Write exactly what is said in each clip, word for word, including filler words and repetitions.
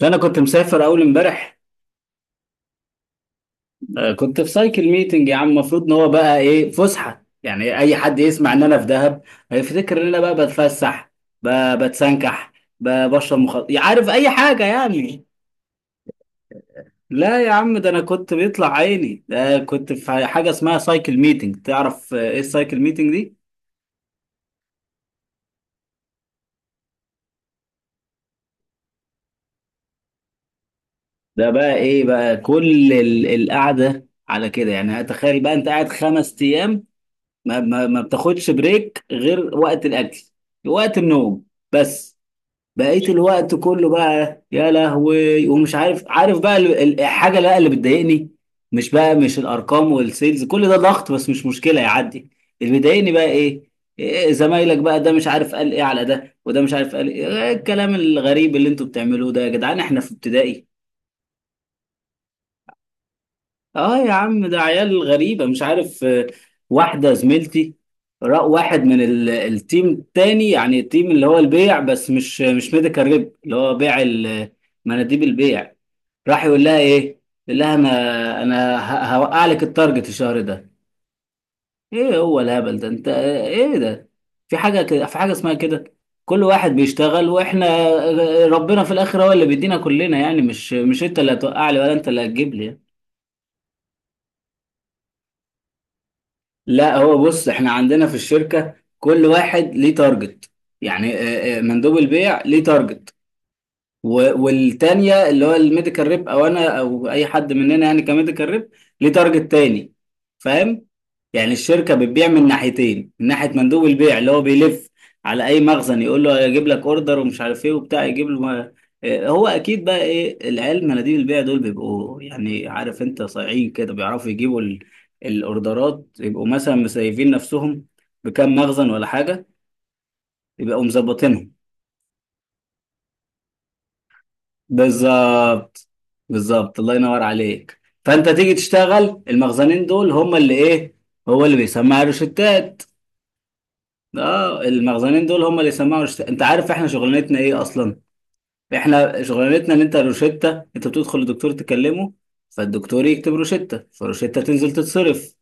فانا كنت مسافر اول امبارح. آه، كنت في سايكل ميتنج يا عم. المفروض ان هو بقى ايه فسحه، يعني اي حد يسمع ان انا في دهب هيفتكر ان انا بقى بتفسح، ب- بتسنكح، ب- بشرب مخدرات، عارف اي حاجه يعني. لا يا عم، ده انا كنت بيطلع عيني، ده كنت في حاجه اسمها سايكل ميتنج تعرف. آه، ايه السايكل ميتنج دي؟ ده بقى ايه بقى كل ال- القعده على كده. يعني تخيل بقى انت قاعد خمس ايام ما ما ما بتاخدش بريك غير وقت الاكل، وقت النوم، بس. بقيت الوقت كله بقى يا لهوي، ومش عارف عارف بقى ال- ال- الحاجه بقى اللي بتضايقني. مش بقى، مش الارقام والسيلز، كل ده ضغط بس مش مشكله، يعدي. اللي بيضايقني بقى ايه؟ إيه زمايلك بقى ده، مش عارف قال ايه على ده، وده مش عارف قال ايه؟ إيه الكلام الغريب اللي انتوا بتعملوه ده يا جدعان؟ احنا في ابتدائي؟ اه يا عم ده عيال غريبة، مش عارف آه، واحدة زميلتي رأى واحد من ال- التيم التاني، يعني التيم اللي هو البيع، بس مش مش ميديكال ريب، اللي هو بيع ال- مناديب البيع، راح يقول لها ايه؟ يقول لها انا انا ه- هوقع لك التارجت الشهر ده. ايه هو الهبل ده، انت ايه ده؟ في حاجة كده، في حاجة اسمها كده؟ كل واحد بيشتغل، واحنا آه، ربنا في الاخر هو اللي بيدينا كلنا، يعني مش مش انت اللي هتوقع لي، ولا انت اللي هتجيب لي. لا، هو بص، احنا عندنا في الشركة كل واحد ليه تارجت. يعني آه، آه، مندوب البيع ليه تارجت، و- والتانية اللي هو الميديكال ريب، او انا او اي حد مننا يعني كميديكال ريب، ليه تارجت تاني. فاهم؟ يعني الشركة بتبيع من ناحيتين، من ناحية مندوب البيع اللي هو بيلف على اي مخزن يقول له يجيب لك اوردر، ومش عارف ايه وبتاع، يجيب له. آه، هو اكيد بقى ايه، العيال مناديب البيع دول بيبقوا يعني، عارف انت، صايعين كده، بيعرفوا يجيبوا ال- الاوردرات، يبقوا مثلا مسيفين نفسهم بكام مخزن ولا حاجة، يبقوا مظبطينهم. بالظبط، بالظبط، الله ينور عليك. فانت تيجي تشتغل، المخزنين دول هم اللي ايه، هو اللي بيسمع روشتات. اه، المخزنين دول هم اللي يسمعوا روشتات. انت عارف احنا شغلانتنا ايه اصلا؟ احنا شغلانتنا ان انت روشتة، انت بتدخل الدكتور تكلمه، فالدكتور يكتب روشتة، فالروشتة تنزل تتصرف.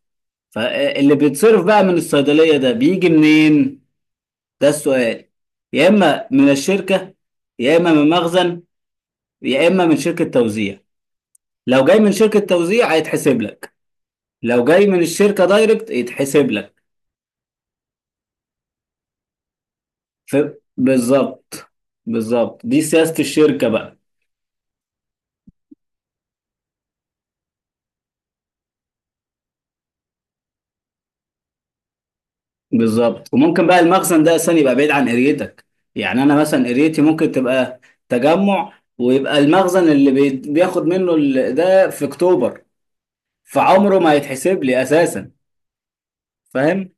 فاللي بيتصرف بقى من الصيدلية ده بيجي منين؟ ده السؤال. يا اما من الشركة، يا اما من مخزن، يا اما من شركة توزيع. لو جاي من شركة توزيع هيتحسب لك، لو جاي من الشركة دايركت يتحسب لك. ف... بالظبط، بالظبط، دي سياسة الشركة بقى. بالظبط. وممكن بقى المخزن ده أصلا يبقى بعيد عن قريتك. يعني أنا مثلا قريتي ممكن تبقى تجمع، ويبقى المخزن اللي بي... بياخد منه ال... ده في أكتوبر، فعمره ما هيتحسب لي أساسا. فاهم؟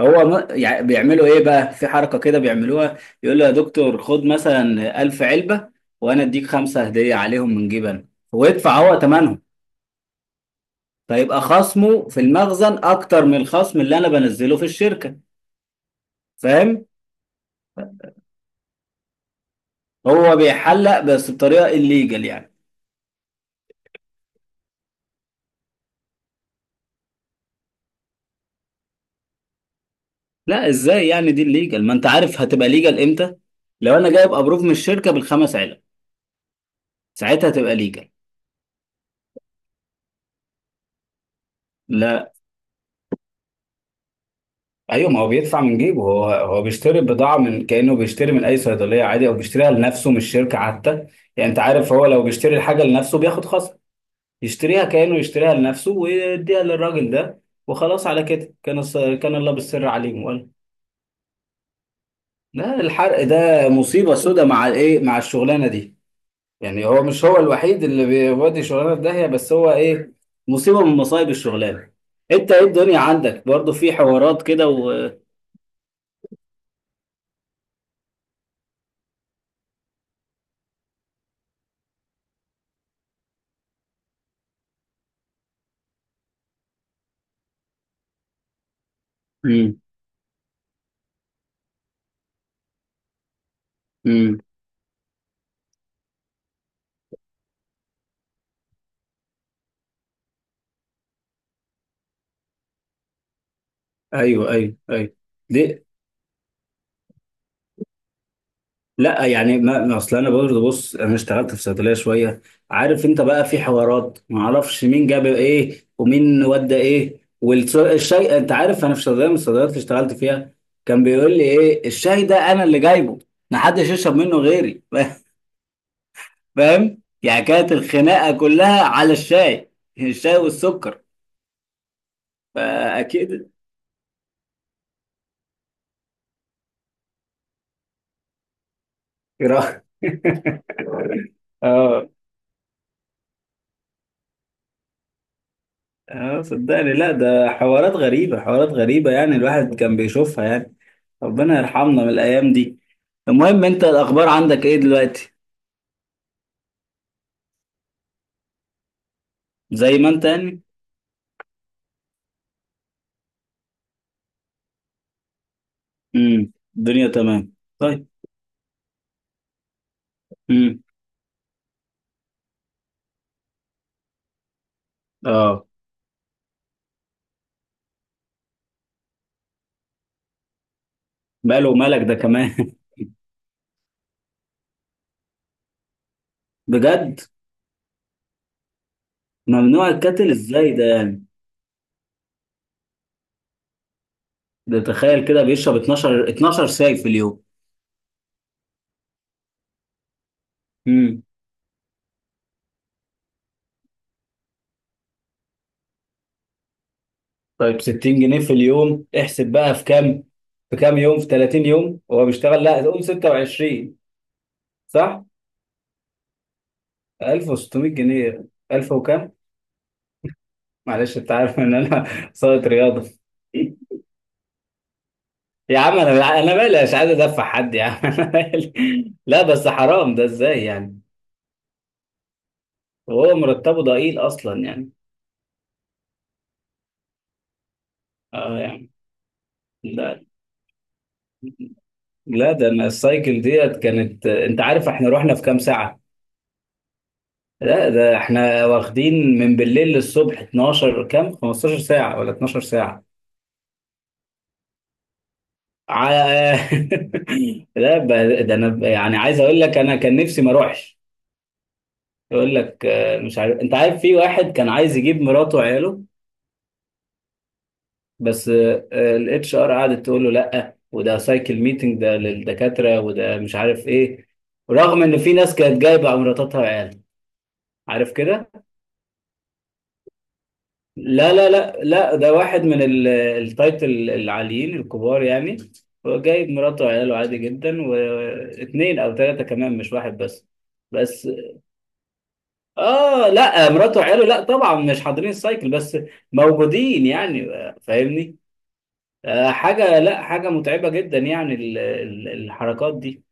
هو م- يعني بيعملوا ايه بقى، في حركة كده بيعملوها، يقول له يا دكتور خد مثلا ألف علبة وانا اديك خمسة هدية عليهم من جبن، ويدفع هو تمنهم، فيبقى خصمه في المخزن اكتر من الخصم اللي انا بنزله في الشركة. فاهم؟ هو بيحلق، بس بطريقة الليجل يعني. لا، ازاي يعني دي الليجل؟ ما انت عارف هتبقى ليجل امتى؟ لو انا جايب ابروف من الشركة بالخمس علب، ساعتها تبقى ليجل. لا، ايوه، ما هو بيدفع من جيبه، هو هو بيشتري بضاعه، من كانه بيشتري من اي صيدليه عادي، او بيشتريها لنفسه مش شركه حتى. يعني انت عارف، هو لو بيشتري الحاجه لنفسه بياخد خصم، يشتريها كانه يشتريها لنفسه، ويديها للراجل ده، وخلاص على كده، كان الص- كان الله بالسر عليهم ولا؟ لا، الحرق ده مصيبه سودة مع الايه، مع الشغلانه دي. يعني هو مش هو الوحيد اللي بيودي شغلانه في داهيه، بس هو ايه، مصيبه من مصايب الشغلانه. انت ايه، الدنيا عندك برضو في حوارات كده و… امم. ايوه، ايوه، ايوه. دي. لا يعني ما ما اصل انا برضه، بص، انا اشتغلت في صيدليه شويه، عارف، انت بقى في حوارات ما اعرفش مين جاب ايه ومين ودى ايه، والشاي، انت عارف انا في صيدليه من الصيدليات اللي اشتغلت فيها، كان بيقول لي ايه الشاي ده، انا اللي جايبه، ما حدش يشرب منه غيري. فاهم؟ يعني كانت الخناقه كلها على الشاي. الشاي والسكر. فاكيد. اه، اه، صدقني، لا ده حوارات غريبه، حوارات غريبه، يعني الواحد كان بيشوفها يعني. ربنا يرحمنا من الايام دي. المهم، انت الاخبار عندك ايه دلوقتي؟ زي ما انت يعني. امم. الدنيا تمام. طيب. امم. اه. ماله ومالك ده كمان؟ بجد؟ ممنوع الكاتل، ازاي ده يعني؟ ده تخيل كده بيشرب اتناشر اتناشر ساي في اليوم؟ امم. طيب ستين جنيه في اليوم، احسب بقى في كام، في كام يوم، في تلاتين يوم هو بيشتغل، لا قول ستة وعشرين. صح، ألف وست مئة جنيه. ألف وكام؟ معلش، انت عارف ان انا… صاية رياضة. يا عم انا انا مالي، مش عايز ادفع حد يا عم. انا مالي. لا بس حرام، ده ازاي يعني؟ وهو مرتبه ضئيل اصلا يعني. اه يعني. لا لا، ده انا السايكل ديت كانت، انت عارف احنا رحنا في كام ساعة؟ لا، ده احنا واخدين من بالليل للصبح اتناشر، كام، خمستاشر ساعة ولا اتناشر ساعة؟ على… لا ب- ده انا ب- يعني عايز اقول لك، انا كان نفسي ما اروحش. يقول لك آه، مش عارف، انت عارف في واحد كان عايز يجيب مراته وعياله، بس الاتش ار قعدت تقول له لا، وده سايكل ميتنج ده للدكاتره، وده مش عارف ايه، رغم ان في ناس كانت جايبه مراتاتها وعيالها، عارف كده. لا لا لا لا، ده واحد من ال- التايتل العاليين الكبار يعني، هو جايب مراته وعياله عادي جدا، واثنين او ثلاثه كمان مش واحد بس. بس اه، لا مراته وعياله لا طبعا مش حاضرين السايكل، بس موجودين يعني. فاهمني؟ آه، حاجة لا، حاجة متعبة جدا يعني ال- ال- الحركات دي.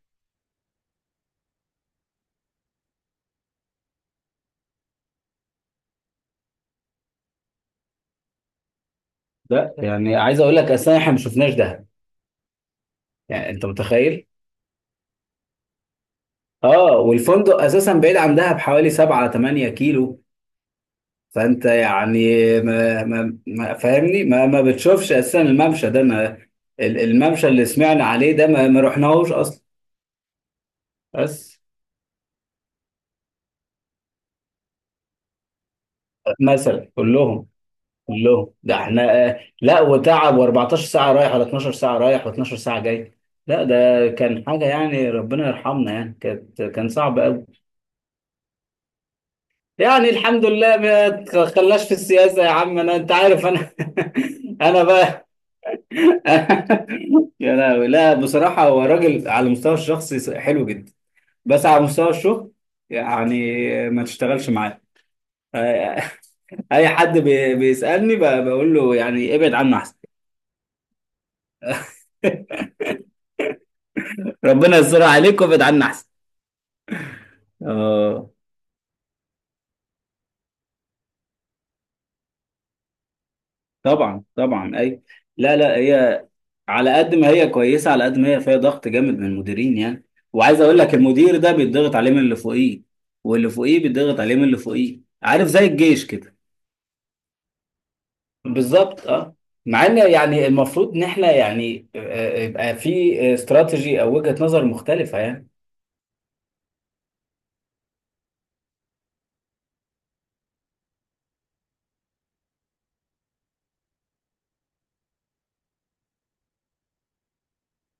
لا يعني عايز اقول لك، اصلا احنا ما شفناش دهب، يعني انت متخيل؟ اه، والفندق اساسا بعيد عن دهب حوالي سبعة تمانية كيلو، فانت يعني ما ما ما فاهمني، ما ما بتشوفش اساسا الممشى ده، ما ال- الممشى اللي سمعنا عليه ده ما ما رحناهوش اصلا. بس مثلا كلهم، الله، ده احنا آه، لا وتعب، و14 ساعة رايح، ولا اتناشر ساعة رايح، و12 ساعة جاي. لا ده كان حاجة يعني ربنا يرحمنا يعني، كانت كان صعب قوي. يعني الحمد لله، ما تخلاش في السياسة يا عم، انا انت عارف انا… انا بقى… يا لهوي. لا بصراحة، هو راجل على المستوى الشخصي حلو جدا، بس على مستوى الشغل يعني، ما تشتغلش معاه. اي حد بي- بيسألني ب- بقول له يعني ابعد عنه احسن. ربنا يستر عليك، وابعد عنا احسن. آه. طبعا طبعا، اي. لا لا، هي على قد ما هي كويسه، على قد ما هي فيها ضغط جامد من المديرين يعني. وعايز اقول لك، المدير ده بيتضغط عليه من اللي فوقيه، واللي فوقيه بيتضغط عليه من اللي فوقيه، عارف زي الجيش كده. بالظبط، اه. مع ان يعني المفروض ان احنا يعني آه، آه، يبقى في استراتيجي او وجهة نظر مختلفة يعني.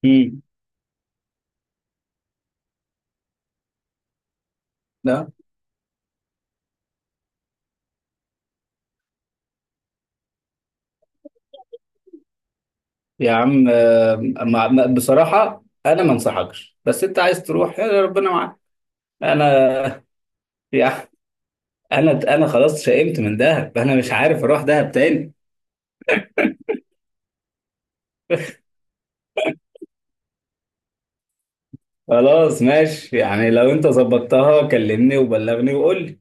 مم. لا يا عم، آه، ما- ما- بصراحة انا ما انصحكش، بس انت عايز تروح، يا ربنا معاك. انا… يعني انا انا خلاص شئمت من دهب، انا مش عارف اروح دهب تاني. خلاص ماشي، يعني لو انت ظبطتها كلمني وبلغني وقول لي.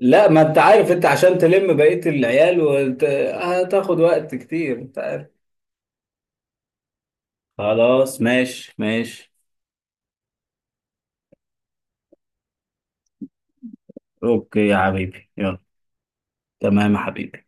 لا، ما انت عارف انت عشان تلم بقية العيال وت... هتاخد وقت كتير، انت عارف. خلاص ماشي ماشي. اوكي يا حبيبي، يلا. تمام يا حبيبي.